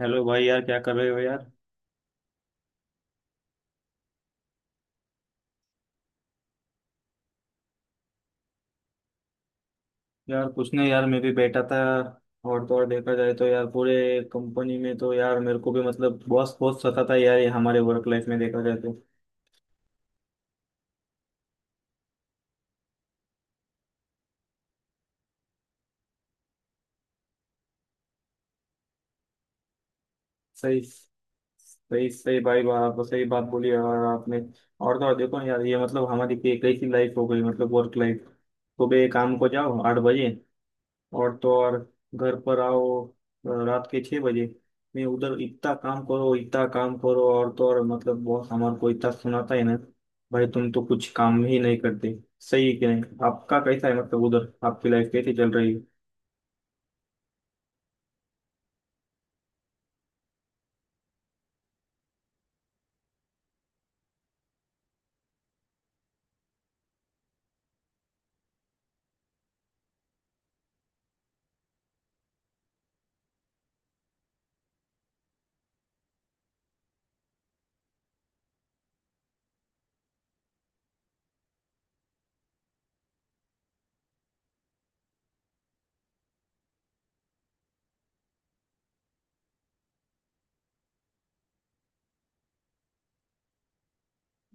Hello भाई, यार क्या कर रहे हो यार। यार कुछ नहीं यार, मैं भी बैठा था। और तो और, देखा जाए तो यार पूरे कंपनी में तो यार मेरे को भी मतलब बॉस बहुत सताता है यार, ये हमारे वर्क लाइफ में देखा जाए तो। सही, सही सही भाई, बात आपको सही बात बोली यार आपने। और तो और, देखो ना यार, ये मतलब हमारी एक ऐसी लाइफ हो गई, मतलब वर्क लाइफ। सुबह काम को जाओ 8 बजे, और तो और घर पर आओ रात के 6 बजे। मैं उधर, इतना काम करो, इतना काम करो, और तो और मतलब बॉस हमारे को इतना सुनाता है ना, भाई तुम तो कुछ काम ही नहीं करते। सही है कि नहीं? आपका कैसा है मतलब, उधर आपकी लाइफ कैसी चल रही है?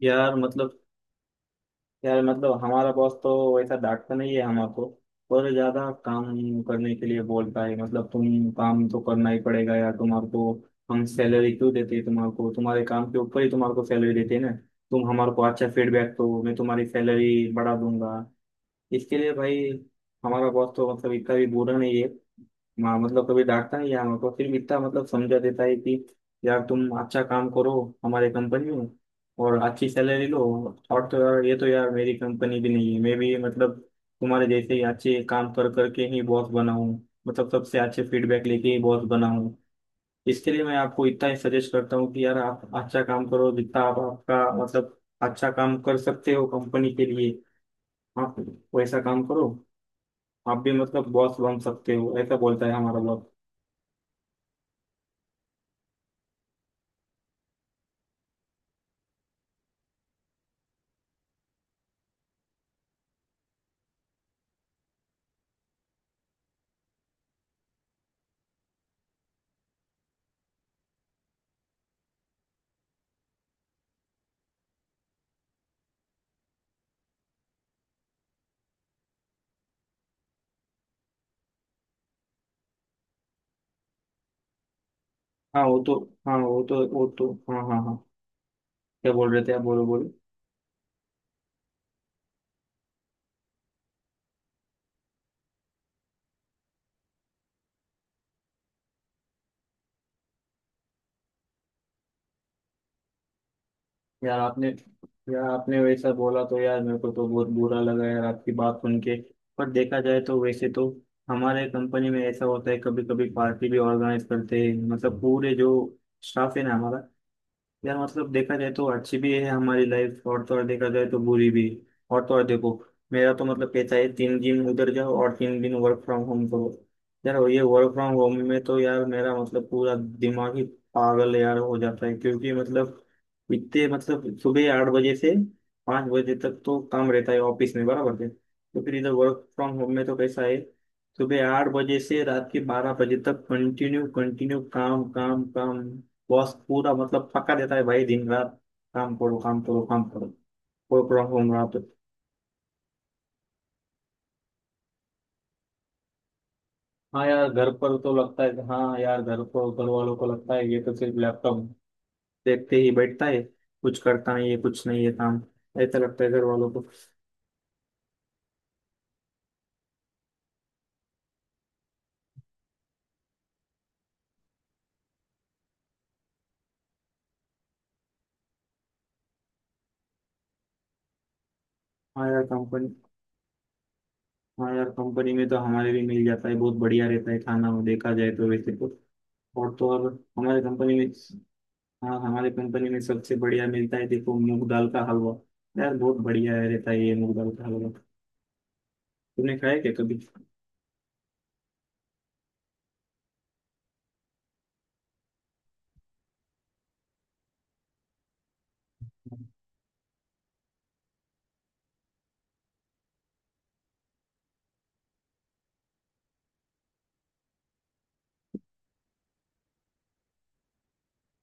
यार मतलब, हमारा बॉस तो वैसा डांटता नहीं है हमारे, पर ज्यादा काम करने के लिए बोलता है। मतलब तुम काम तो करना ही पड़ेगा यार तुम्हारे को, हम सैलरी क्यों देते हैं तुम्हारे को? तुम्हारे काम के ऊपर ही तुम्हारे को सैलरी देते हैं ना। तुम हमारे को अच्छा फीडबैक दो, मैं तुम्हारी सैलरी बढ़ा दूंगा। इसके लिए भाई, हमारा बॉस तो मतलब इतना भी बुरा नहीं है। माँ मतलब, कभी डांटता नहीं है हमको, फिर भी इतना मतलब समझा देता है कि यार तुम अच्छा काम करो हमारे कंपनी में, और अच्छी सैलरी लो। और तो यार, ये तो यार मेरी कंपनी भी नहीं है, मैं भी मतलब तुम्हारे जैसे ही अच्छे काम कर करके ही बॉस बना हूँ, मतलब सबसे अच्छे फीडबैक लेके ही बॉस बना हूँ। इसके लिए मैं आपको इतना ही सजेस्ट करता हूँ कि यार आप अच्छा काम करो, जितना आप आपका मतलब अच्छा काम कर सकते हो कंपनी के लिए, आप वैसा काम करो, आप भी मतलब बॉस बन सकते हो, ऐसा बोलता है हमारा बॉस। हाँ वो तो, हाँ वो तो, हाँ हाँ हाँ। क्या बोल रहे थे आप? बोलो बोलो। यार आपने यार आपने वैसा बोला तो यार, मेरे को तो बहुत बुरा लगा यार आपकी बात सुन के। पर देखा जाए तो वैसे तो, हमारे कंपनी में ऐसा होता है, कभी कभी पार्टी भी ऑर्गेनाइज करते हैं, मतलब पूरे जो स्टाफ है ना हमारा। यार मतलब देखा जाए तो अच्छी भी है हमारी लाइफ, और तो और देखा जाए तो बुरी भी। और तो और देखो, मेरा तो मतलब कहता है 3 दिन उधर जाओ और 3 दिन वर्क फ्रॉम होम करो। यार ये वर्क फ्रॉम होम में तो यार मेरा मतलब पूरा दिमाग ही पागल यार हो जाता है, क्योंकि मतलब इतने मतलब, सुबह 8 बजे से 5 बजे तक तो काम रहता है ऑफिस में, बराबर है, तो फिर इधर वर्क फ्रॉम होम में तो कैसा है? सुबह आठ बजे से रात के 12 बजे तक, कंटिन्यू कंटिन्यू काम काम काम। बॉस पूरा मतलब पक्का देता है भाई, दिन रात काम करो, काम करो, काम करो। कोई प्रॉब्लम रहा तो। हाँ यार, घर पर घर वालों को लगता है ये तो सिर्फ लैपटॉप देखते ही बैठता है, कुछ करता नहीं है, कुछ नहीं है काम, ऐसा लगता है घर वालों को। हाँ यार कंपनी हाँ यार कंपनी में तो हमारे भी मिल जाता है, बहुत बढ़िया रहता है खाना वो, देखा जाए तो वैसे तो। और तो और हमारे कंपनी में, हाँ हमारे कंपनी में सबसे बढ़िया मिलता है देखो, मूंग दाल का हलवा, यार बहुत बढ़िया रहता है ये मूंग दाल का हलवा। तुमने खाया क्या कभी?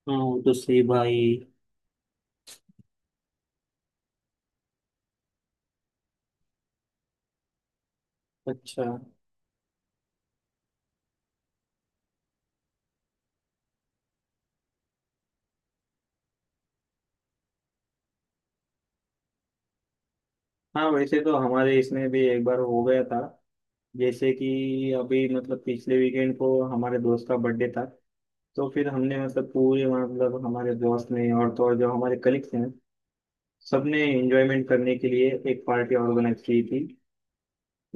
हाँ वो तो सही भाई। अच्छा, हाँ वैसे तो हमारे इसमें भी एक बार हो गया था। जैसे कि अभी मतलब पिछले वीकेंड को हमारे दोस्त का बर्थडे था, तो फिर हमने मतलब पूरे, मतलब हमारे दोस्त ने और तो और जो हमारे कलीग्स हैं, सबने एंजॉयमेंट करने के लिए एक पार्टी ऑर्गेनाइज की थी।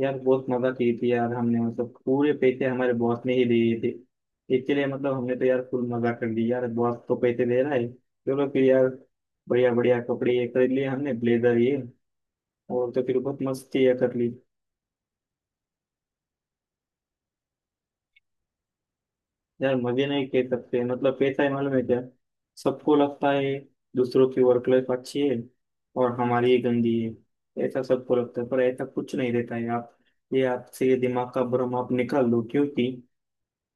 यार बहुत मजा की थी यार हमने, मतलब पूरे पैसे हमारे बॉस ने ही दिए थे। इसके लिए मतलब हमने तो यार फुल मजा कर दी यार, बॉस तो पैसे दे रहा है, चलो फिर यार बढ़िया बढ़िया कपड़े ये खरीद लिए हमने, ब्लेजर ये, और तो फिर बहुत मस्ती ये कर ली। यार मजे नहीं कह सकते, मतलब पैसा है मालूम है क्या? सबको लगता है दूसरों की वर्क लाइफ अच्छी है और हमारी ही गंदी है, ऐसा सबको लगता है, पर ऐसा कुछ नहीं रहता है आप, ये आपसे ये दिमाग का भ्रम आप निकाल दो, क्योंकि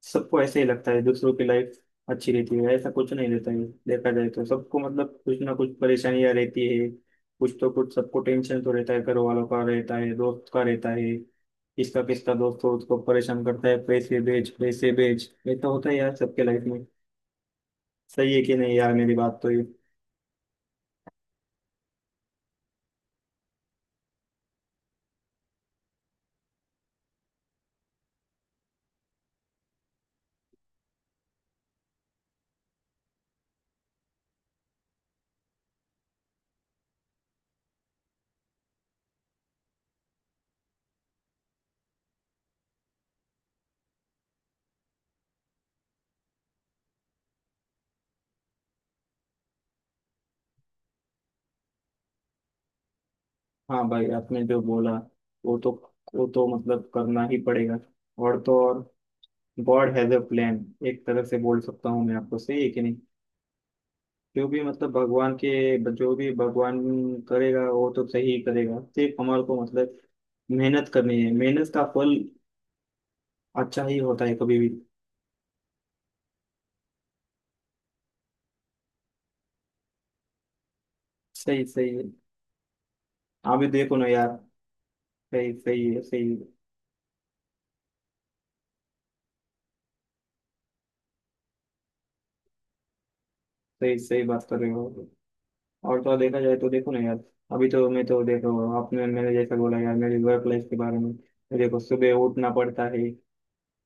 सबको ऐसे ही लगता है दूसरों की लाइफ अच्छी रहती है, ऐसा कुछ नहीं रहता है। देखा जाए तो सबको मतलब कुछ ना कुछ परेशानियां रहती है, कुछ तो कुछ सबको टेंशन तो रहता है, घर वालों का रहता है, दोस्त का रहता है, किसका किसका दोस्त हो उसको परेशान करता है, पैसे भेज पैसे भेज, ये तो होता है यार सबके लाइफ में। सही है कि नहीं यार मेरी बात तो ये? हाँ भाई आपने जो बोला, वो तो, वो तो मतलब करना ही पड़ेगा। और तो और गॉड हैज अ प्लान, एक तरह से बोल सकता हूँ मैं आपको, सही है कि नहीं? जो भी मतलब भगवान के, जो भी भगवान करेगा वो तो सही करेगा, सिर्फ हमारे को मतलब मेहनत करनी है, मेहनत का फल अच्छा ही होता है कभी भी। सही, सही है, आप भी देखो ना यार, सही सही है, सही, सही सही बात कर रहे हो। और तो और, देखा जाए तो देखो ना यार, अभी तो मैं तो देखो, आपने मैंने जैसा बोला यार मेरी वर्क लाइफ के बारे में, देखो सुबह उठना पड़ता है,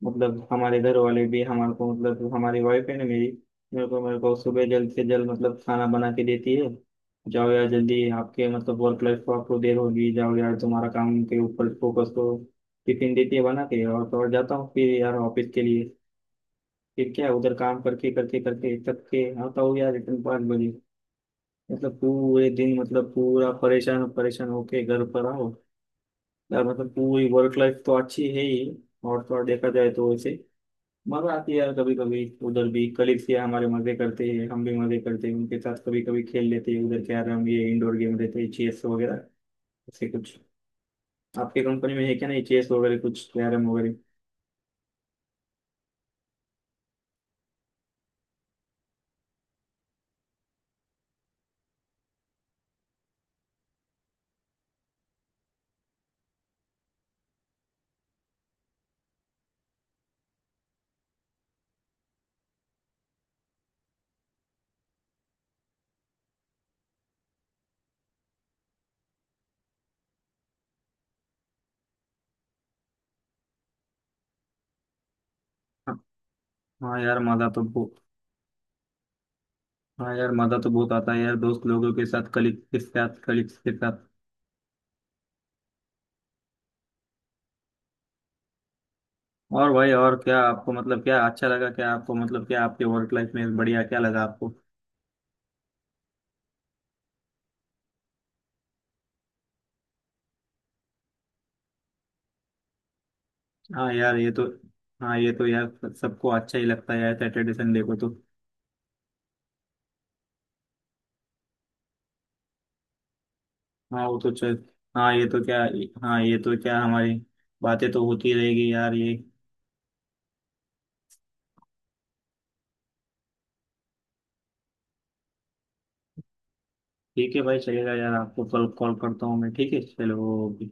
मतलब हमारे घर वाले भी हमारे को, मतलब हमारी वाइफ है ना मेरी, मेरे को सुबह जल्द से जल्द मतलब खाना बना के देती है। जाओ यार जल्दी, आपके मतलब वर्क लाइफ को आपको देर होगी, जाओ यार तुम्हारा काम के ऊपर फोकस करो। टिफिन देती है बना के, और तो और जाता हूँ फिर यार ऑफिस के लिए। फिर क्या उधर काम करके करके करके थक के आता हूँ यार रिटर्न 5 बजे। मतलब पूरे दिन, मतलब पूरा परेशान परेशान होके घर पर आओ। यार मतलब पूरी वर्क लाइफ तो अच्छी है ही, और तो और देखा जाए तो वैसे मजा आती है यार कभी कभी उधर भी, कलीग्स ये हमारे मजे करते हैं, हम भी मजे करते हैं उनके साथ, कभी कभी खेल लेते हैं उधर कैरम ये, इंडोर गेम रहते हैं चेस वगैरह, ऐसे कुछ आपके कंपनी में है क्या नहीं, चेस वगैरह कुछ, कैरम वगैरह? हाँ। हाँ यार मजा तो बहुत हाँ यार मजा तो बहुत आता है यार दोस्त लोगों के साथ, कलीग के साथ, कलीग्स के साथ। और भाई और क्या आपको मतलब क्या अच्छा लगा, क्या आपको मतलब क्या आपके वर्क लाइफ में बढ़िया क्या लगा आपको? हाँ यार ये तो हाँ ये तो यार सबको अच्छा ही लगता है यार सैटरडे संडे को तो। हाँ वो तो चल हाँ ये तो क्या हाँ ये तो क्या, हमारी बातें तो होती रहेगी यार ये। ठीक है भाई, चलेगा यार, आपको कल कॉल करता हूँ मैं, ठीक है चलो, ओके।